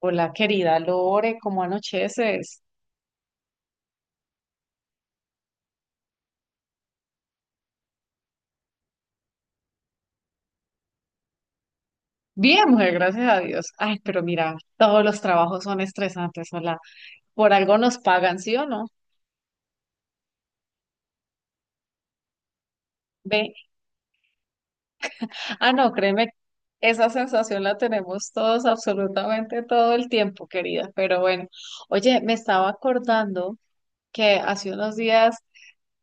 Hola, querida Lore, ¿cómo anocheces? Bien, mujer, gracias a Dios. Ay, pero mira, todos los trabajos son estresantes, hola. Por algo nos pagan, ¿sí o no? Ve. Ah, no, créeme, esa sensación la tenemos todos, absolutamente todo el tiempo, querida. Pero bueno, oye, me estaba acordando que hace unos días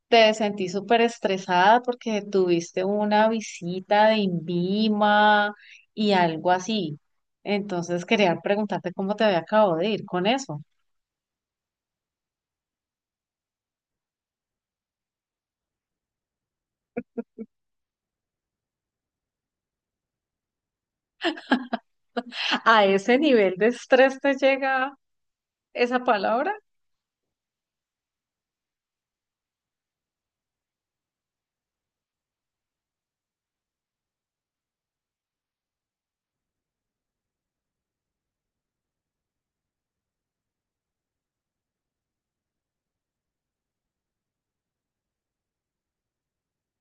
te sentí súper estresada porque tuviste una visita de INVIMA y algo así. Entonces quería preguntarte cómo te había acabado de ir con eso. ¿A ese nivel de estrés te llega esa palabra?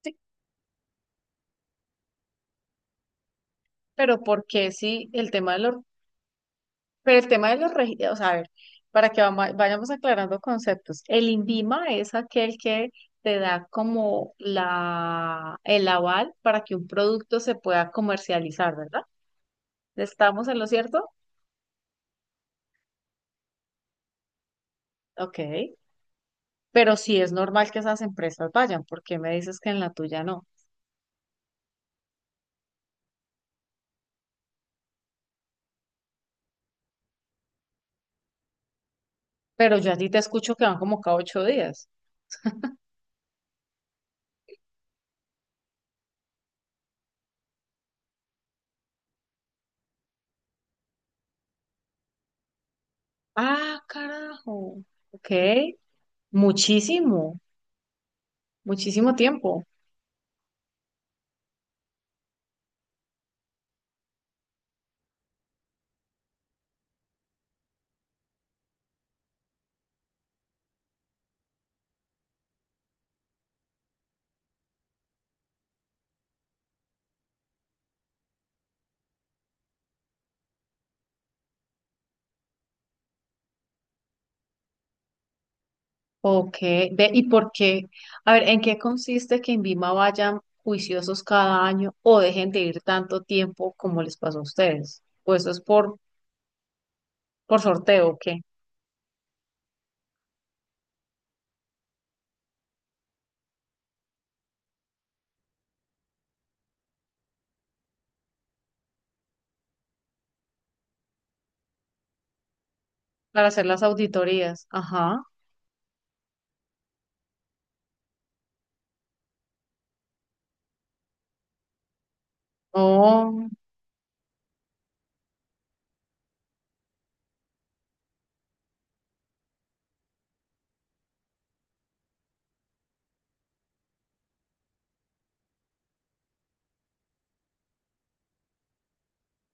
Sí, pero ¿por qué sí? El tema de los, pero el tema de los registros, o sea, a ver, para que vayamos aclarando conceptos. El INVIMA es aquel que te da como la, el aval para que un producto se pueda comercializar, ¿verdad? ¿Estamos en lo cierto? Ok. Pero sí es normal que esas empresas vayan, porque me dices que en la tuya no. Pero yo a ti te escucho que van como cada 8 días. Ah, carajo. Ok. Muchísimo, muchísimo tiempo. Ok. Ve, ¿y por qué? A ver, ¿en qué consiste que en Vima vayan juiciosos cada año o dejen de ir tanto tiempo como les pasó a ustedes? Pues eso es por sorteo, ¿o qué? Para hacer las auditorías. Ajá. Oh.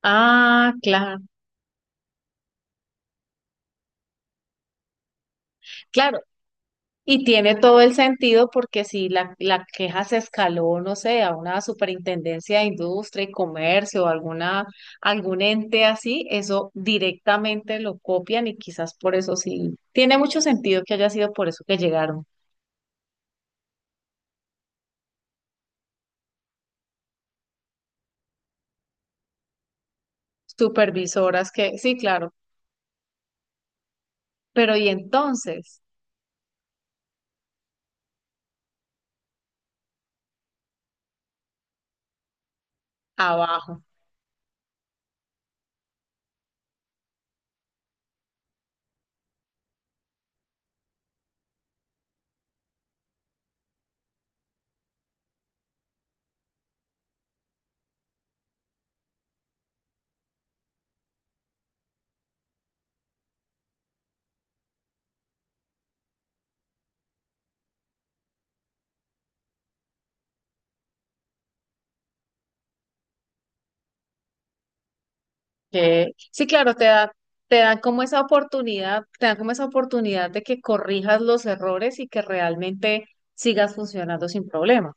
Ah, claro. Claro, y tiene todo el sentido porque si la, la queja se escaló, no sé, a una superintendencia de industria y comercio o alguna, algún ente así, eso directamente lo copian y quizás por eso sí. Tiene mucho sentido que haya sido por eso que llegaron supervisoras que, sí, claro, pero y entonces, abajo, que sí, claro, te da, te dan como esa oportunidad, te dan como esa oportunidad de que corrijas los errores y que realmente sigas funcionando sin problemas.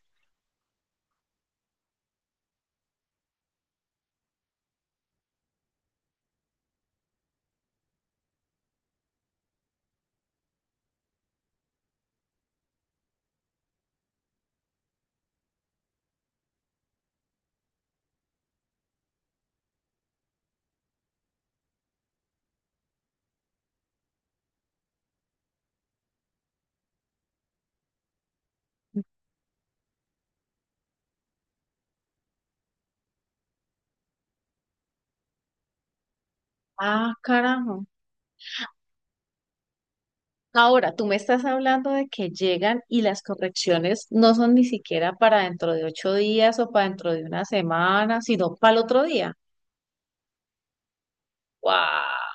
Ah, carajo. Ahora, tú me estás hablando de que llegan y las correcciones no son ni siquiera para dentro de 8 días o para dentro de una semana, sino para el otro día. ¡Wow!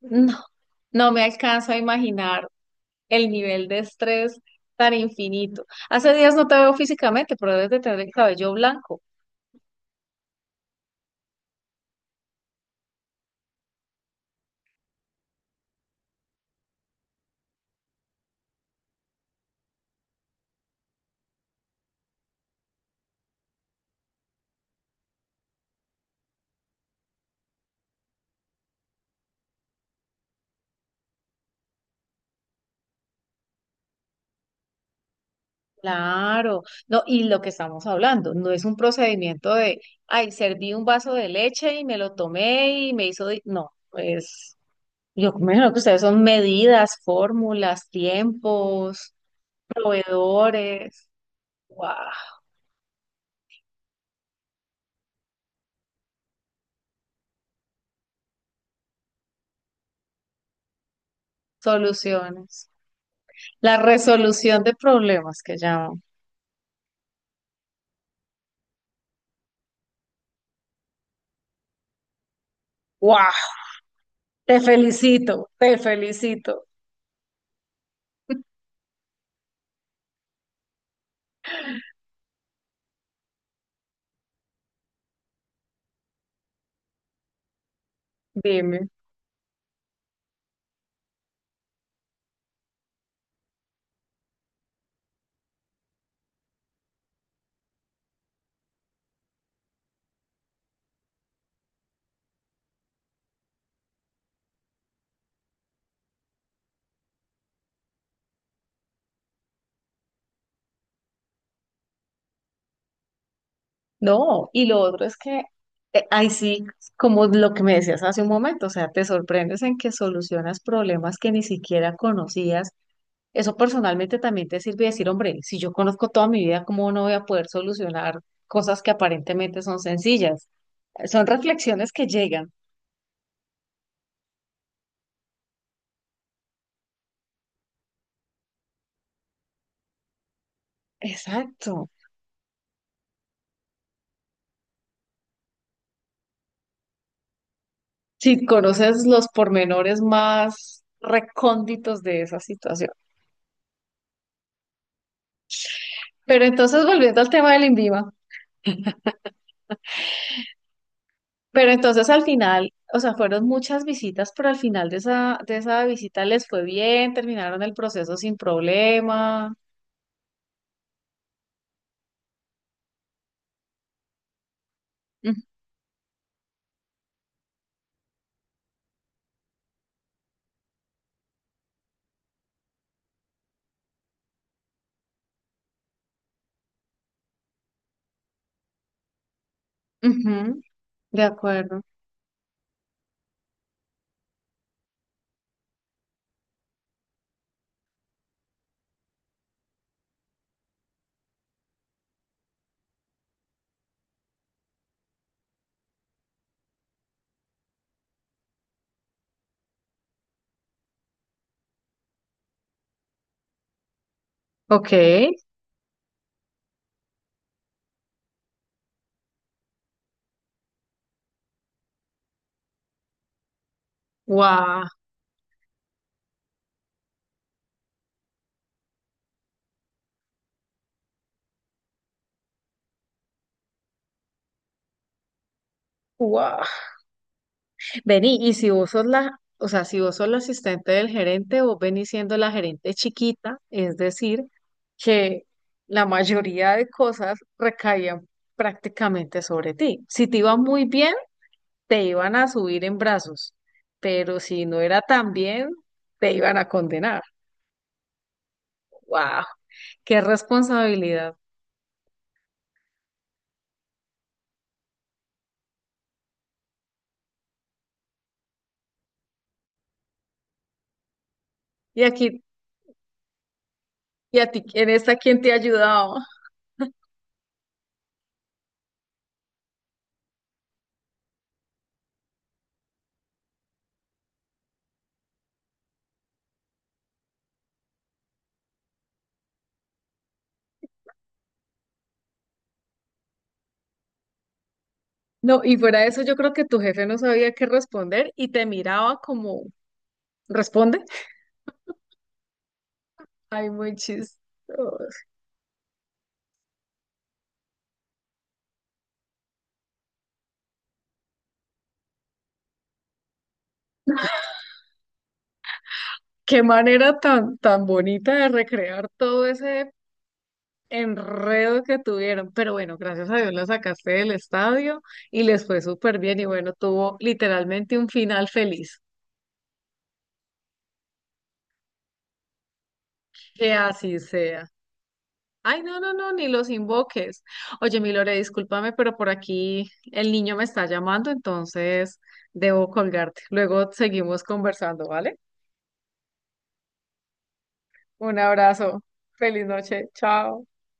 No, no me alcanzo a imaginar el nivel de estrés tan infinito. Hace días no te veo físicamente, pero debes de tener el cabello blanco. Claro, no, y lo que estamos hablando, no es un procedimiento de, ay, serví un vaso de leche y me lo tomé y me hizo, no, yo me imagino que ustedes son medidas, fórmulas, tiempos, proveedores, ¡guau! Soluciones. La resolución de problemas que llaman. Guau, te felicito, te felicito. Dime. No, y lo otro es que ahí sí, como lo que me decías hace un momento, o sea, te sorprendes en que solucionas problemas que ni siquiera conocías. Eso personalmente también te sirve decir, hombre, si yo conozco toda mi vida, ¿cómo no voy a poder solucionar cosas que aparentemente son sencillas? Son reflexiones que llegan. Exacto. Si conoces los pormenores más recónditos de esa situación. Pero entonces, volviendo al tema del INVIMA, pero entonces al final, o sea, fueron muchas visitas, pero al final de esa visita les fue bien, terminaron el proceso sin problema. Mm, ujú, de acuerdo. Ok. Wow. Wow. Vení, y si vos sos la, o sea, si vos sos la asistente del gerente, vos venís siendo la gerente chiquita, es decir, que la mayoría de cosas recaían prácticamente sobre ti. Si te iba muy bien, te iban a subir en brazos, pero si no era tan bien, te iban a condenar. Wow, qué responsabilidad. Y aquí, y a ti, en esta, ¿quién te ayudaba? No, y fuera de eso, yo creo que tu jefe no sabía qué responder y te miraba como responde. Ay, muy chistoso. Qué manera tan, tan bonita de recrear todo ese enredo que tuvieron. Pero bueno, gracias a Dios la sacaste del estadio y les fue súper bien. Y bueno, tuvo literalmente un final feliz. Que así sea. Ay, no, no, no, ni los invoques. Oye, mi Lore, discúlpame, pero por aquí el niño me está llamando, entonces debo colgarte. Luego seguimos conversando, ¿vale? Un abrazo. Feliz noche. Chao.